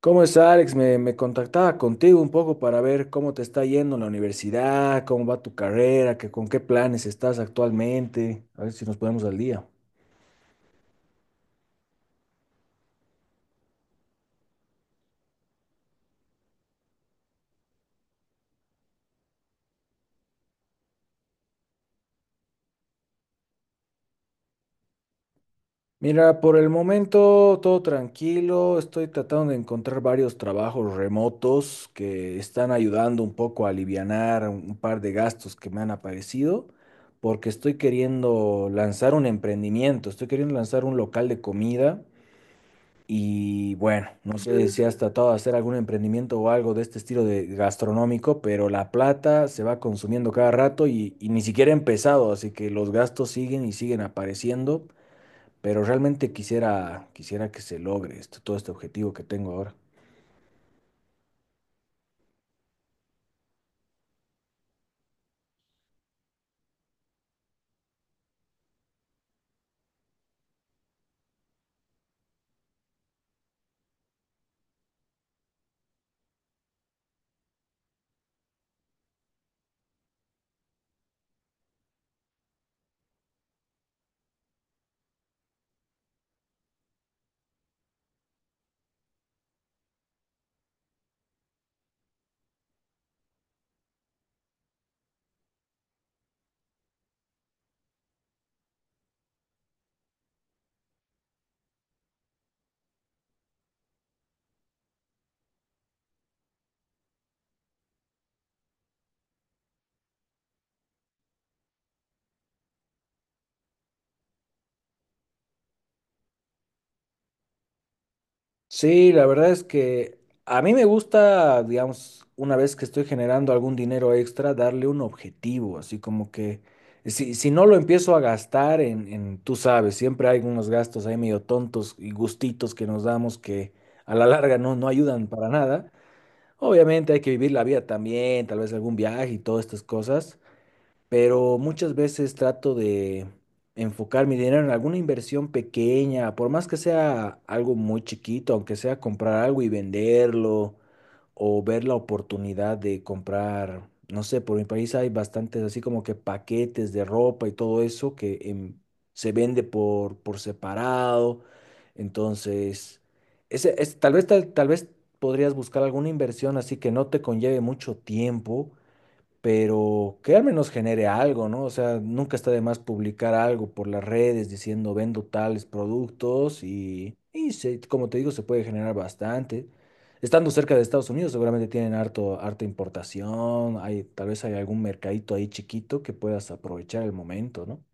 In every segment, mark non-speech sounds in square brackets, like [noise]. ¿Cómo está, Alex? Me contactaba contigo un poco para ver cómo te está yendo en la universidad, cómo va tu carrera, con qué planes estás actualmente, a ver si nos ponemos al día. Mira, por el momento todo tranquilo, estoy tratando de encontrar varios trabajos remotos que están ayudando un poco a alivianar un par de gastos que me han aparecido, porque estoy queriendo lanzar un emprendimiento, estoy queriendo lanzar un local de comida. Y bueno, no sé si has tratado de hacer algún emprendimiento o algo de este estilo de gastronómico, pero la plata se va consumiendo cada rato y ni siquiera he empezado, así que los gastos siguen y siguen apareciendo, pero realmente quisiera que se logre esto, todo este objetivo que tengo ahora. Sí, la verdad es que a mí me gusta, digamos, una vez que estoy generando algún dinero extra, darle un objetivo, así como que si no lo empiezo a gastar tú sabes, siempre hay unos gastos ahí medio tontos y gustitos que nos damos que a la larga no, no ayudan para nada. Obviamente hay que vivir la vida también, tal vez algún viaje y todas estas cosas, pero muchas veces trato de enfocar mi dinero en alguna inversión pequeña, por más que sea algo muy chiquito, aunque sea comprar algo y venderlo o ver la oportunidad de comprar, no sé, por mi país hay bastantes así como que paquetes de ropa y todo eso que se vende por separado. Entonces, ese, es, tal vez, tal, tal vez podrías buscar alguna inversión así que no te conlleve mucho tiempo pero que al menos genere algo, ¿no? O sea, nunca está de más publicar algo por las redes diciendo vendo tales productos y como te digo, se puede generar bastante. Estando cerca de Estados Unidos, seguramente tienen harta importación, hay, tal vez hay algún mercadito ahí chiquito que puedas aprovechar el momento, ¿no?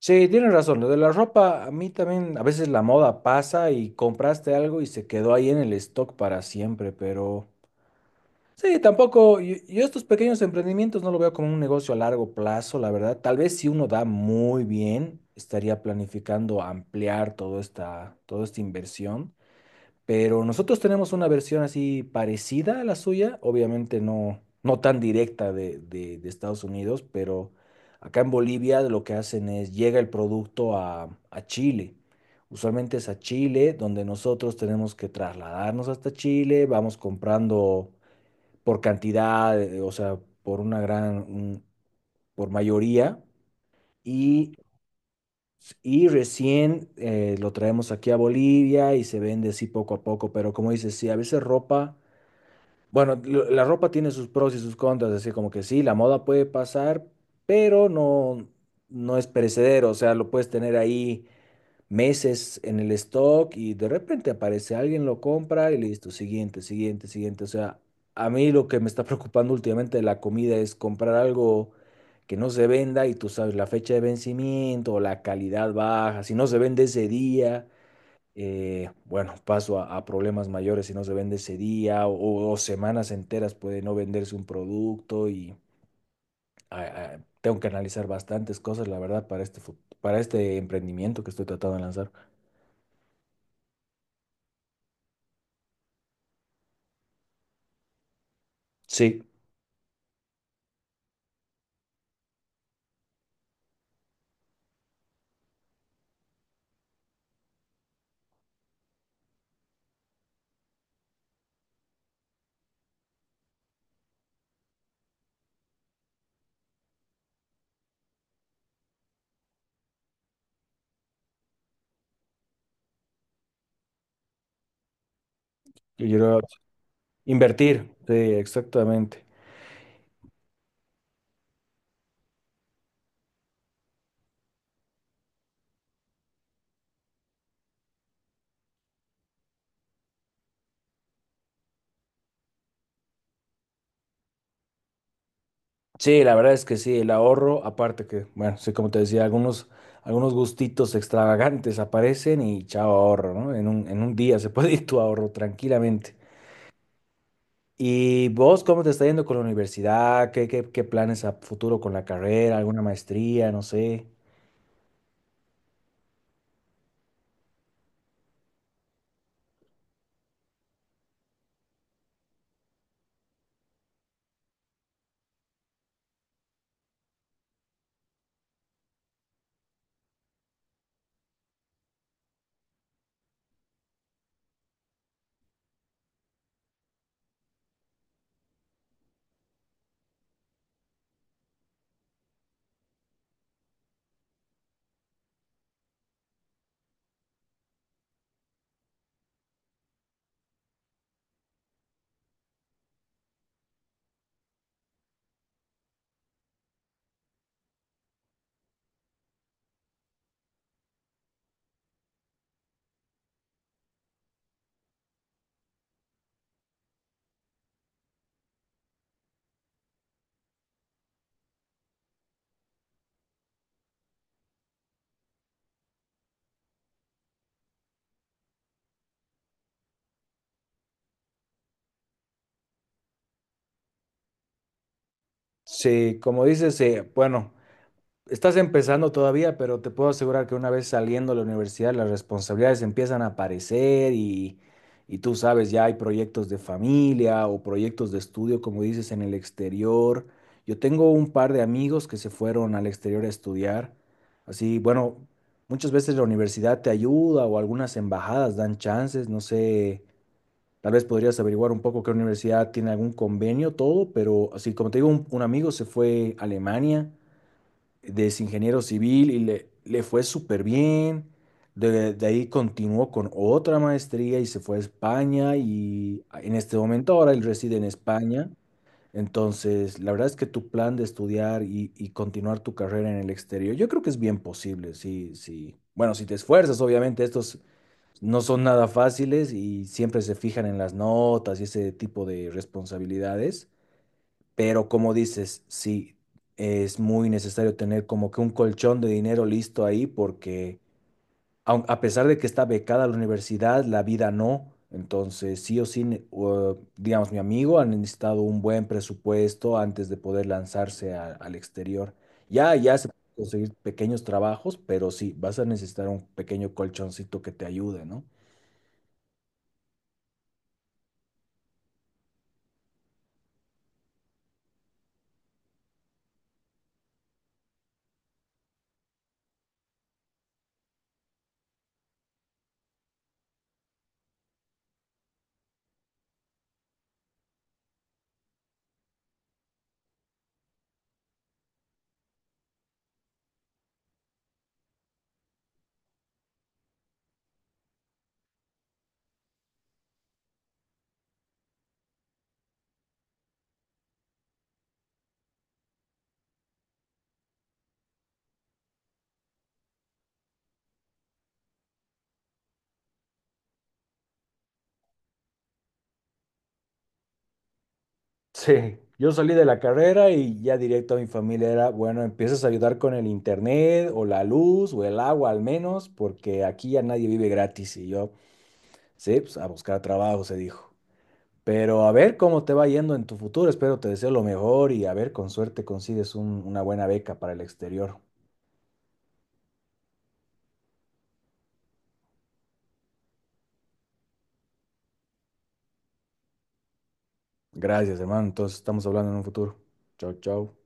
Sí, tienes razón. Lo de la ropa, a mí también, a veces la moda pasa y compraste algo y se quedó ahí en el stock para siempre, pero... Sí, tampoco, yo estos pequeños emprendimientos no lo veo como un negocio a largo plazo, la verdad. Tal vez si uno da muy bien, estaría planificando ampliar toda esta inversión, pero nosotros tenemos una versión así parecida a la suya, obviamente no, no tan directa de Estados Unidos, pero acá en Bolivia lo que hacen es llega el producto a Chile. Usualmente es a Chile, donde nosotros tenemos que trasladarnos hasta Chile, vamos comprando por cantidad, o sea, por una gran, un- por mayoría, y, y recién lo traemos aquí a Bolivia y se vende así poco a poco, pero como dices, sí, a veces ropa, bueno, la ropa tiene sus pros y sus contras, así como que sí, la moda puede pasar, pero no, no es perecedero, o sea, lo puedes tener ahí meses en el stock y de repente aparece alguien, lo compra y listo, siguiente, siguiente, siguiente. O sea, a mí lo que me está preocupando últimamente de la comida es comprar algo que no se venda y tú sabes la fecha de vencimiento o la calidad baja, si no se vende ese día. Bueno, paso a problemas mayores si no se vende ese día o semanas enteras puede no venderse un producto y ah, tengo que analizar bastantes cosas, la verdad, para para este emprendimiento que estoy tratando de lanzar. Sí. Yo quiero invertir, sí, exactamente. Sí, la verdad es que sí, el ahorro, aparte que, bueno, sí, como te decía, algunos gustitos extravagantes aparecen y chao ahorro, ¿no? En un día se [laughs] puede ir tu ahorro tranquilamente. ¿Y vos cómo te está yendo con la universidad? ¿Qué planes a futuro con la carrera? ¿Alguna maestría? No sé. Sí, como dices, bueno. Estás empezando todavía, pero te puedo asegurar que una vez saliendo de la universidad las responsabilidades empiezan a aparecer y tú sabes, ya hay proyectos de familia o proyectos de estudio, como dices, en el exterior. Yo tengo un par de amigos que se fueron al exterior a estudiar. Así, bueno, muchas veces la universidad te ayuda o algunas embajadas dan chances, no sé, tal vez podrías averiguar un poco qué universidad tiene algún convenio, todo, pero así como te digo, un amigo se fue a Alemania de es ingeniero civil y le fue súper bien. De ahí continuó con otra maestría y se fue a España y en este momento ahora él reside en España. Entonces, la verdad es que tu plan de estudiar y continuar tu carrera en el exterior, yo creo que es bien posible, sí, sí. Bueno, si te esfuerzas, obviamente estos no son nada fáciles y siempre se fijan en las notas y ese tipo de responsabilidades. Pero como dices, sí, es muy necesario tener como que un colchón de dinero listo ahí porque a pesar de que está becada la universidad, la vida no. Entonces, sí o sí, digamos, mi amigo ha necesitado un buen presupuesto antes de poder lanzarse al exterior. Ya se pueden conseguir pequeños trabajos, pero sí, vas a necesitar un pequeño colchoncito que te ayude, ¿no? Sí, yo salí de la carrera y ya directo a mi familia era, bueno, empiezas a ayudar con el internet o la luz o el agua al menos, porque aquí ya nadie vive gratis y yo, sí, pues a buscar trabajo, se dijo. Pero a ver cómo te va yendo en tu futuro, espero te deseo lo mejor y a ver, con suerte consigues una buena beca para el exterior. Gracias, hermano, entonces estamos hablando en un futuro. Chao, chao.